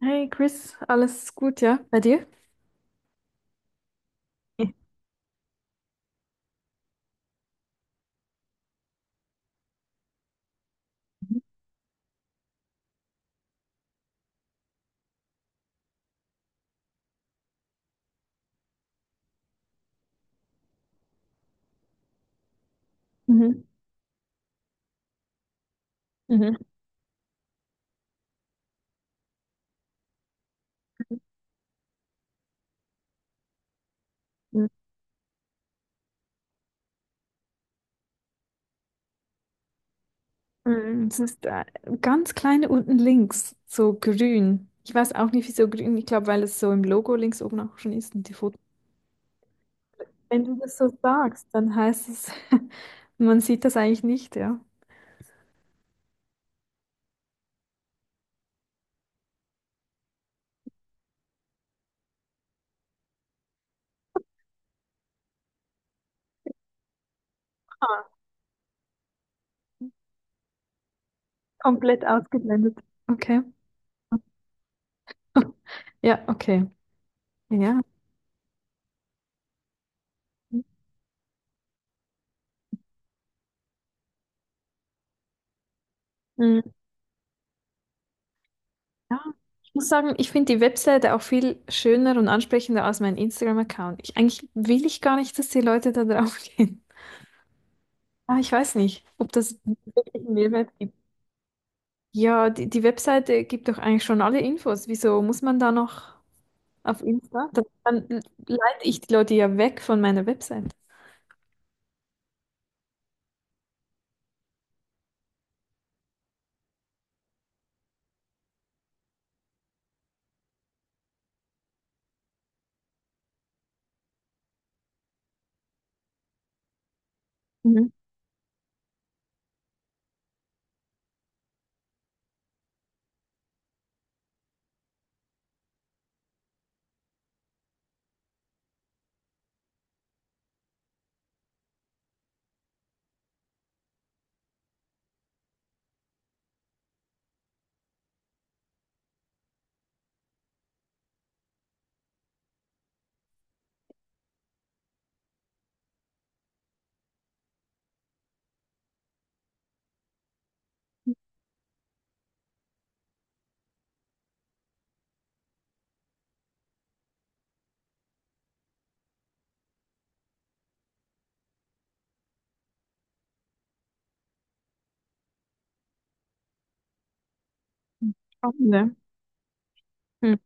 Hey Chris, alles gut, ja? Bei dir? Ja. Mhm. Mhm. Mhm. Mm, es ist ganz kleine unten links, so grün. Ich weiß auch nicht, wieso grün. Ich glaube, weil es so im Logo links oben auch schon ist und die Fotos. Wenn du das so sagst, dann heißt es, man sieht das eigentlich nicht, ja? Ah, komplett ausgeblendet. Okay. Ja, okay. Ja. Mhm. Ja, ich muss sagen, ich finde die Webseite auch viel schöner und ansprechender als mein Instagram-Account. Ich, eigentlich will ich gar nicht, dass die Leute da drauf gehen. Aber ich weiß nicht, ob das wirklich einen Mehrwert gibt. Ja, die Webseite gibt doch eigentlich schon alle Infos. Wieso muss man da noch auf Insta? Das- Dann leite ich die Leute ja weg von meiner Webseite. Mhm. Spannend, ne? Mhm.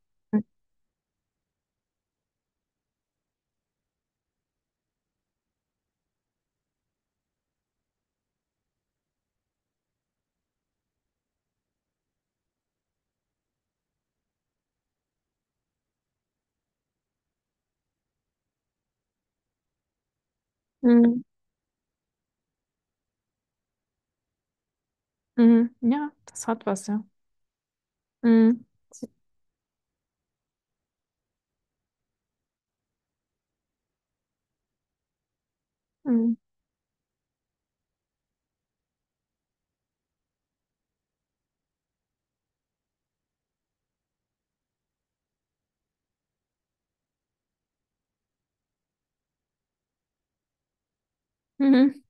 Mhm. Mhm. Ja, das hat was, ja. Mhm. Mhm. Mhm.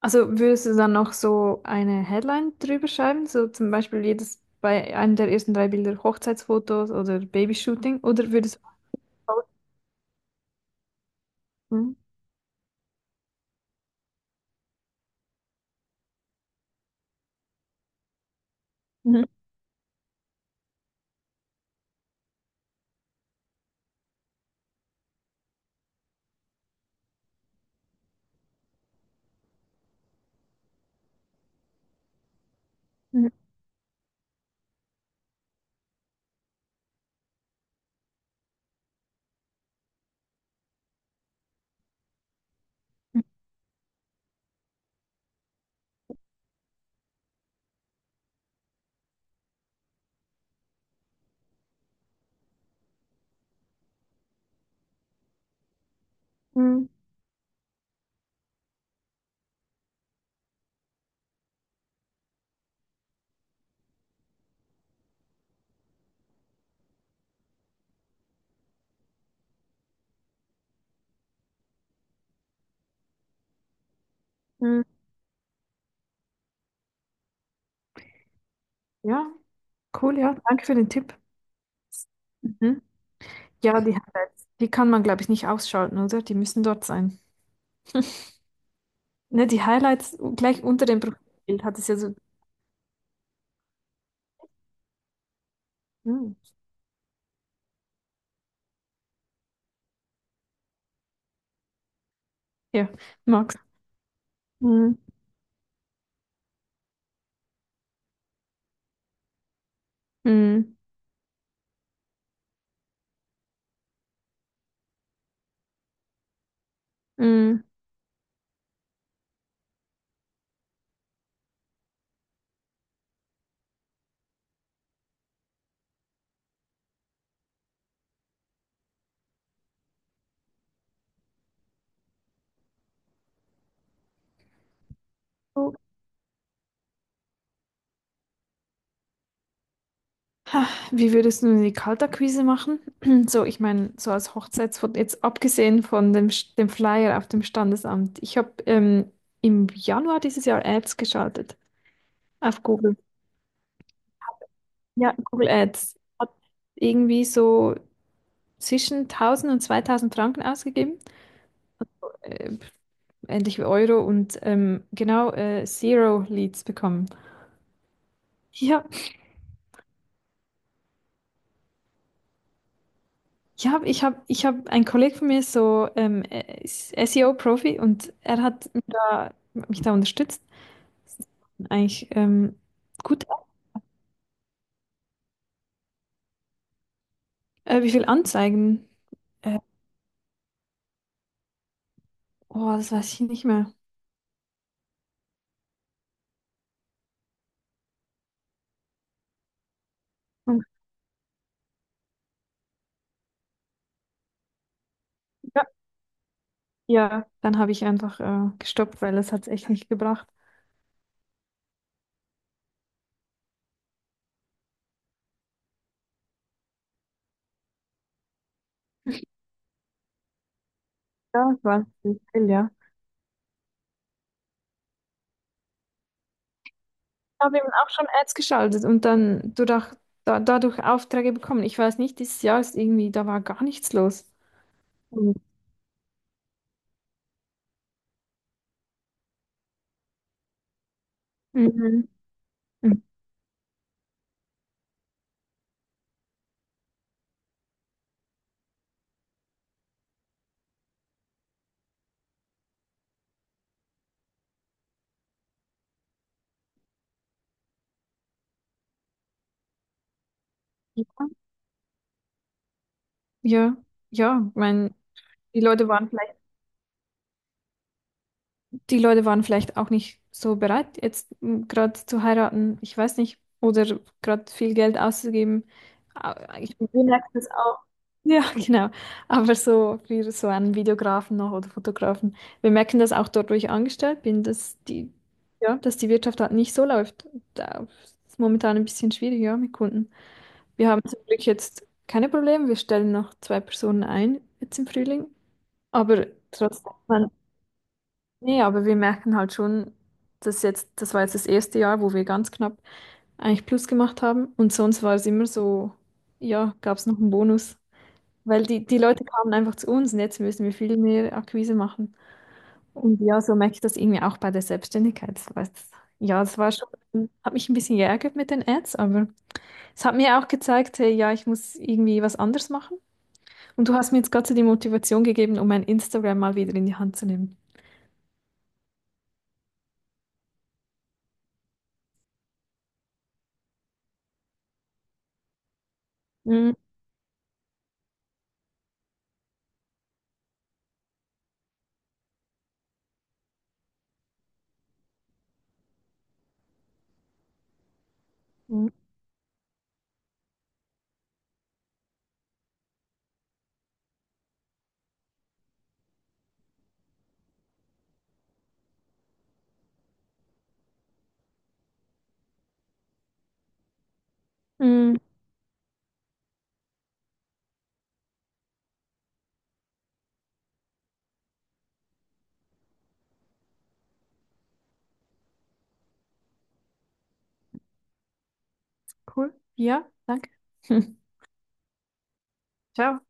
Also würdest du dann noch so eine Headline drüber schreiben? So zum Beispiel jedes bei einem der ersten drei Bilder Hochzeitsfotos oder Babyshooting? Oder würdest du. Mhm. Mhm. Mhm. Mhm. Mhm. Ja, cool, ja. Danke für den Tipp. Mhm. Ja, die Highlights, die kann man, glaube ich, nicht ausschalten, oder? Die müssen dort sein. Ne, die Highlights gleich unter dem Profilbild hat es ja so. Mhm. Ja, Max. Mhm. Mhm. Mhm. Ha, wie würdest du die Kaltakquise machen? So, ich meine, so als Hochzeitsfoto, jetzt abgesehen von dem, Sch- dem Flyer auf dem Standesamt. Ich habe im Januar dieses Jahr Ads geschaltet auf Google. Ja, Google Ads. Hat irgendwie so zwischen 1000 und 2000 Franken ausgegeben, äh, ähnlich wie Euro und genau Zero Leads bekommen. Ja, ich habe, ein Kollege von mir ist so ist SEO-Profi und er hat mich da unterstützt. Eigentlich gut. Wie viel Anzeigen? Äh, oh, das weiß ich nicht mehr. Und, ja, ja, dann habe ich einfach gestoppt, weil es hat echt nicht gebracht. Ja, es war nicht viel, ja. Ich habe eben auch schon Ads geschaltet und dann dadurch, dadurch Aufträge bekommen. Ich weiß nicht, dieses Jahr ist irgendwie, da war gar nichts los. Mhm. Mhm. Ja, ja, ja, mein, die Leute waren vielleicht, die Leute waren vielleicht auch nicht so bereit, jetzt gerade zu heiraten, ich weiß nicht, oder gerade viel Geld auszugeben. Ah, ich merke das auch. Ja, genau. Aber so für so einen Videografen noch oder Fotografen. Wir merken das auch dort, wo ich angestellt bin, dass die, ja, dass die Wirtschaft halt nicht so läuft. Da ist momentan ein bisschen schwierig, ja, mit Kunden. Wir haben zum Glück jetzt keine Probleme. Wir stellen noch zwei Personen ein, jetzt im Frühling. Aber trotzdem, man, nee, aber wir merken halt schon, dass jetzt, das war jetzt das erste Jahr, wo wir ganz knapp eigentlich Plus gemacht haben. Und sonst war es immer so, ja, gab es noch einen Bonus. Weil die Leute kamen einfach zu uns und jetzt müssen wir viel mehr Akquise machen. Und ja, so merke ich das irgendwie auch bei der Selbstständigkeit. Das war jetzt- ja, das war schon, hat mich ein bisschen geärgert mit den Ads, aber es hat mir auch gezeigt, hey, ja, ich muss irgendwie was anderes machen. Und du hast mir jetzt gerade so die Motivation gegeben, um mein Instagram mal wieder in die Hand zu nehmen. Mhm. Mhm. Cool. Ja, danke. Ciao.